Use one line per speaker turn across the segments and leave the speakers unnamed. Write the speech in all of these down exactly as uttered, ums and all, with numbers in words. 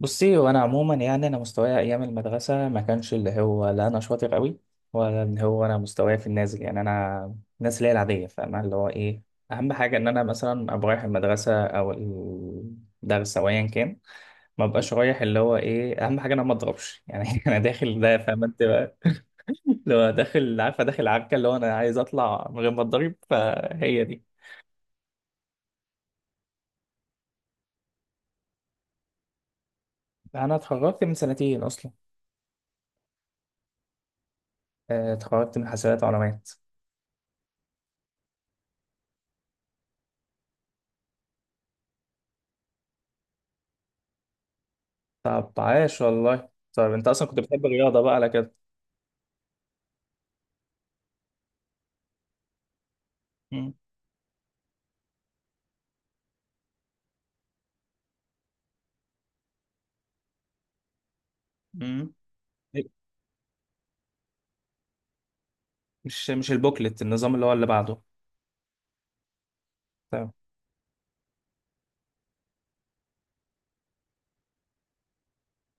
بصي، وانا عموما يعني انا مستواي ايام المدرسه ما كانش اللي هو لا انا شاطر قوي، ولا اللي هو انا مستواي في النازل. يعني انا الناس اللي هي العاديه، فاهمه اللي هو ايه؟ اهم حاجه ان انا مثلا ابقى رايح المدرسه او الدرس او ايا كان، ما ابقاش رايح. اللي هو ايه؟ اهم حاجه إن انا ما اضربش يعني. انا داخل ده، فاهمه انت بقى؟ لو داخل، عارفه، داخل عركه، اللي هو انا عايز اطلع من غير ما اتضرب. فهي دي. انا اتخرجت من سنتين اصلا. آه، اتخرجت من حسابات ومعلومات. طب عاش والله. طيب انت اصلا كنت بتحب الرياضه بقى على كده؟ مم. مم. مش مش البوكلت، النظام اللي هو اللي بعده؟ تمام.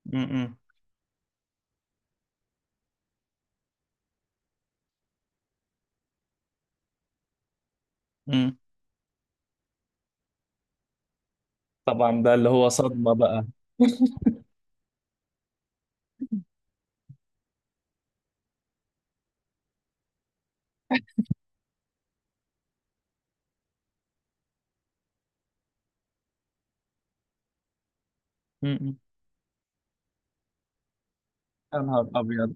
مم. مم. طبعا بقى، اللي هو صدمه بقى. مم. يا نهار ابيض.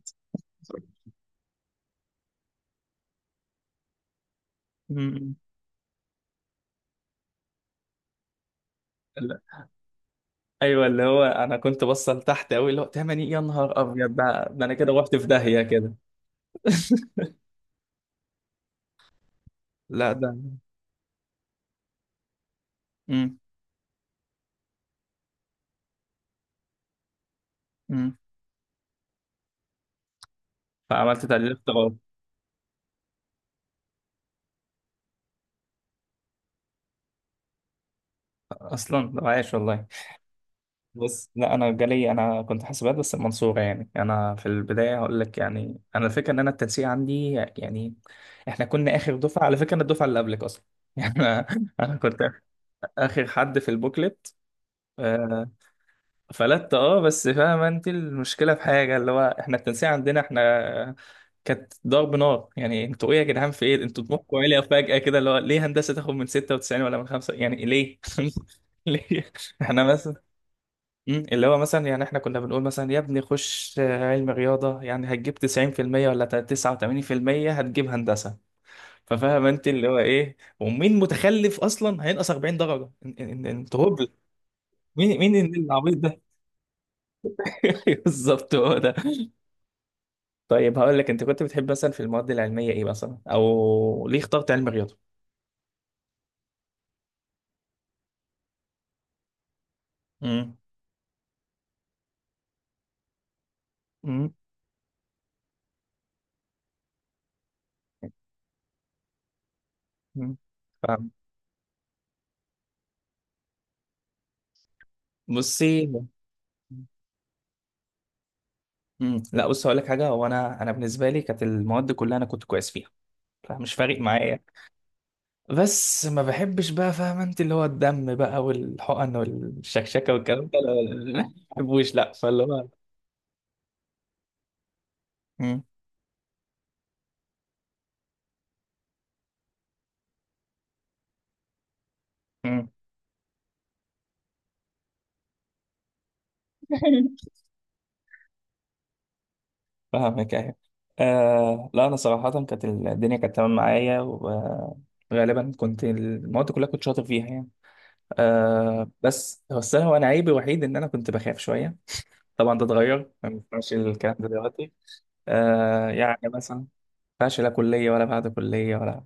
مم. لا. ايوه، اللي هو انا كنت بصل تحت قوي، اللي هو تمني يا نهار ابيض ده ده انا كده رحت في داهيه كده. لا ده. مم. مم. فعملت تعديل اختراع. اصلا طب عايش والله. بس لا، انا جالي انا كنت حاسبات بس المنصوره. يعني انا في البدايه هقول لك، يعني انا الفكره ان انا التنسيق عندي يعني. احنا كنا اخر دفعه على فكره، انا الدفعه اللي قبلك اصلا. يعني انا أنا كنت اخر حد في البوكلت. آه، فلت اه، بس فاهمه انت المشكله في حاجه، اللي هو احنا التنسيق عندنا احنا كانت ضرب نار. يعني انتوا ايه يا جدعان؟ في ايه؟ انتوا طموحكم عالي فجاه كده، اللي هو ليه هندسه تاخد من ستة وتسعين ولا من خمسة؟ يعني ليه؟ ليه؟ احنا بس. مم. اللي هو مثلا يعني احنا كنا بنقول مثلا يا ابني خش آه، علم رياضة. يعني هتجيب تسعين في المية ولا تسعة وتمانين بالمية هتجيب هندسة. ففاهم انت اللي هو ايه، ومين متخلف اصلا هينقص اربعين درجة. إن- إن- إن- انت هبل. مين مين العبيط ده؟ بالظبط، هو ده. طيب هقول لك، انت كنت بتحب مثلا في المواد العلمية ايه مثلا، او ليه اخترت علم رياضة؟ مم. مم. مم. فاهم. بصي. مم. لا بص، هقول لك حاجه، هو انا انا بالنسبه لي كانت المواد كلها انا كنت كويس فيها. فمش فارق معايا. بس ما بحبش بقى، فاهم انت؟ اللي هو الدم بقى والحقن والشكشكه والكلام ده، لا لا لا، ما بحبوش لا. فاللي هو. مم، مم. فاهمك، ايوه. آه لا، انا صراحه كانت الدنيا كانت تمام معايا. وغالبا كنت المواد كلها كنت شاطر فيها يعني. آه، بس هو السنه، وانا عيبي الوحيد ان انا كنت بخاف شويه. طبعا ده اتغير، ما ينفعش الكلام ده دلوقتي. آه، يعني مثلا ما ينفعش، لا كليه ولا بعد كليه ولا.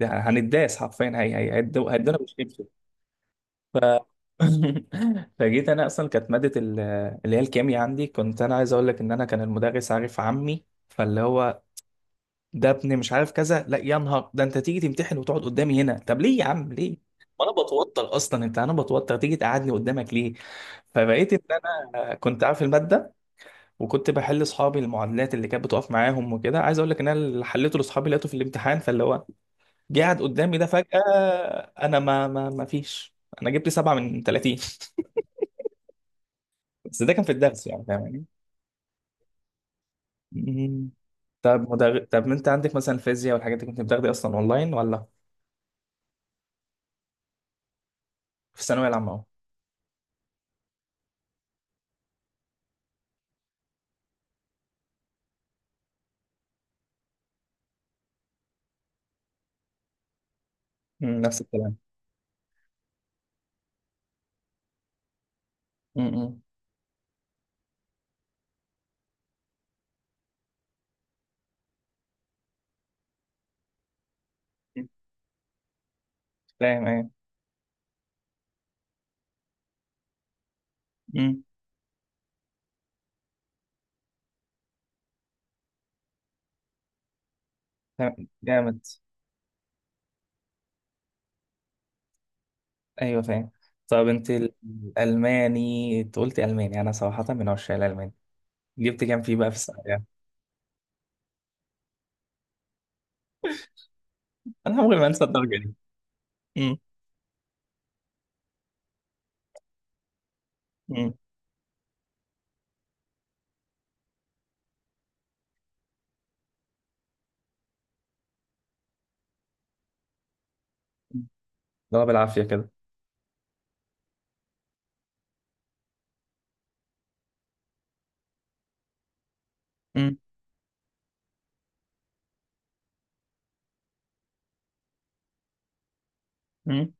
يعني هنتداس حرفيا. هي هي هيدو- هيدونا بالشبشب. ف... فجيت انا اصلا، كانت ماده ال- اللي هي الكيمياء عندي، كنت انا عايز اقول لك ان انا كان المدرس عارف عمي، فاللي هو ده ابني مش عارف كذا. لا يا نهار ده، انت تيجي تمتحن وتقعد قدامي هنا؟ طب ليه يا عم ليه؟ ما انا بتوتر اصلا، انت انا بتوتر، تيجي تقعدني قدامك ليه؟ فبقيت ان انا كنت عارف الماده، وكنت بحل اصحابي المعادلات اللي كانت بتقف معاهم وكده. عايز اقول لك ان انا اللي حليته لاصحابي لقيته في الامتحان. فاللي هو جه قاعد قدامي ده فجاه. انا ما ما ما فيش. انا جبت سبعة من ثلاثين. بس ده كان في الدرس يعني، فاهم؟ يعني طب مدر... طب ما انت عندك مثلا الفيزياء والحاجات دي، كنت بتاخدي اصلا اونلاين ولا في الثانويه العامه اهو؟ مم، نفس الكلام. امم، فاهم ايه. مم، فاهم. جامد. ايوه فاهم. طب انت ال- الالماني، انت قلتي الماني، انا صراحه من عشاق الالماني. جبت كام فيه بقى في الثانويه يعني؟ انا عمري ما انسى الدرجه دي. مم، مم، مم. اللي هو بالعافيه كده. مم، مم،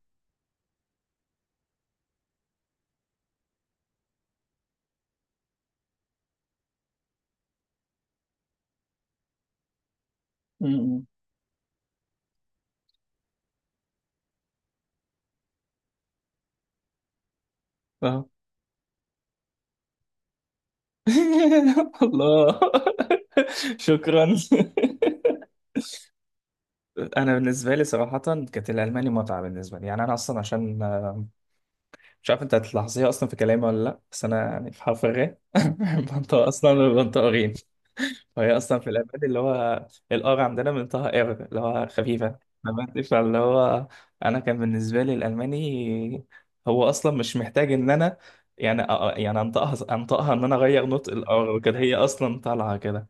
مم، مم. اه. الله. شكرا. انا بالنسبه لي صراحه كانت الالماني متعه بالنسبه لي، يعني انا اصلا عشان آه، مش عارف انت هتلاحظيها اصلا في كلامي ولا لا، بس انا يعني في حرف الغ. منطقه اصلا، منطقه غين. فهي اصلا في الالماني، اللي هو الار عندنا، منطقه ار اللي هو خفيفه. فهمت؟ فاللي هو انا كان بالنسبه لي الالماني هو اصلا مش محتاج ان انا، يعني أ- يعني انطقها انطقها ان انا اغير نطق الار وكده، هي اصلا طالعه كده.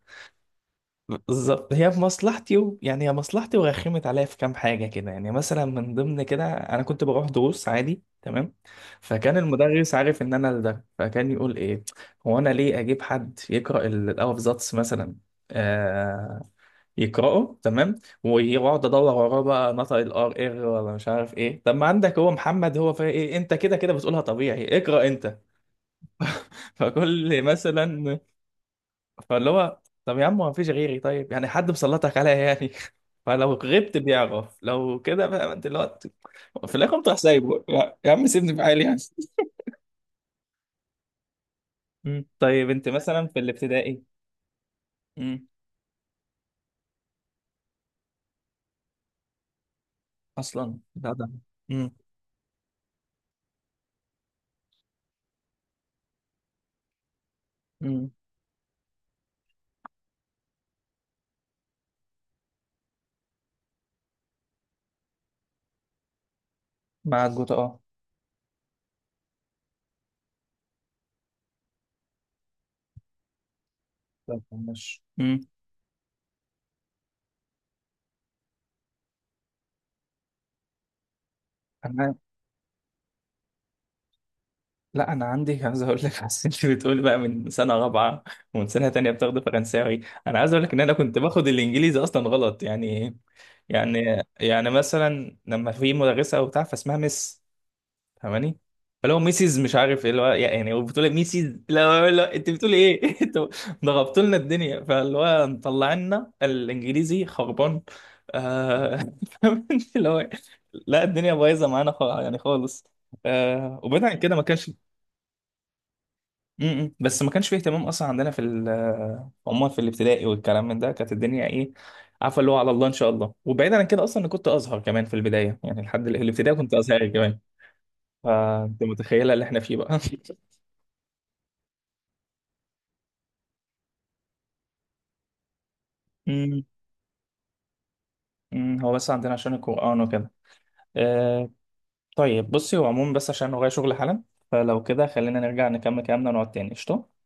بالظبط هي في مصلحتي و... يعني هي مصلحتي، ورخمت عليا في كام حاجه كده. يعني مثلا من ضمن كده انا كنت بروح دروس عادي تمام. فكان المدرس عارف ان انا ده، فكان يقول ايه، هو انا ليه اجيب حد يقرا ال- الافزاتس مثلا؟ آه، يقراه تمام، ويقعد ادور وراه بقى نطق الار، ار إيه، ولا مش عارف ايه. طب ما عندك هو محمد، هو فيها ايه؟ إيه، انت كده كده بتقولها طبيعي، اقرا انت. فكل مثلا، فاللي هو طب يا عم، ما فيش غيري طيب، يعني حد مسلطك عليا يعني؟ فلو غبت بيعرف، لو كده بقى انت، اللي هو في الاخر انت سايبه، يا يا عم سيبني في حالي يعني. مم. طيب انت مثلا في الابتدائي؟ مم. اصلا لا ده. مم. مم. مع الجوتا، اه. طب ماشي. مم. لا انا عندي. عايز اقول لك، بس انت بتقولي بقى من سنه رابعه، ومن سنه تانية بتاخد فرنساوي، انا عايز اقول لك ان انا كنت باخد الانجليزي اصلا غلط يعني. يعني يعني مثلا لما في مدرسه او بتاع، فاسمها مس، فاهماني؟ فلو ميسيز مش عارف ايه، اللي هو يعني هو بتقول ميسيز، لا لا، انت بتقولي ايه؟ انتوا ضغطتوا لنا الدنيا، فاللي هو مطلعنا الانجليزي خربان. آه. فاهماني؟ اللي هو لا الدنيا بايظه معانا، خا- يعني خالص. آه. وبعيد عن كده ما كانش م- م. بس ما كانش فيه اهتمام اصلا عندنا في ال- آه، عموما في الابتدائي والكلام من ده، كانت الدنيا ايه، عارفه، اللي هو على الله ان شاء الله. وبعيدا عن كده اصلا، انا كنت ازهر كمان في البدايه، يعني لحد ال- الابتدائي كنت ازهري كمان. فانت متخيله اللي احنا فيه بقى. م- م. هو بس عندنا عشان القران وكده. آه. طيب بصي، هو عموما بس عشان ورايا شغل حالا، فلو كده خلينا نرجع نكمل كلامنا ونقعد تاني، قشطه.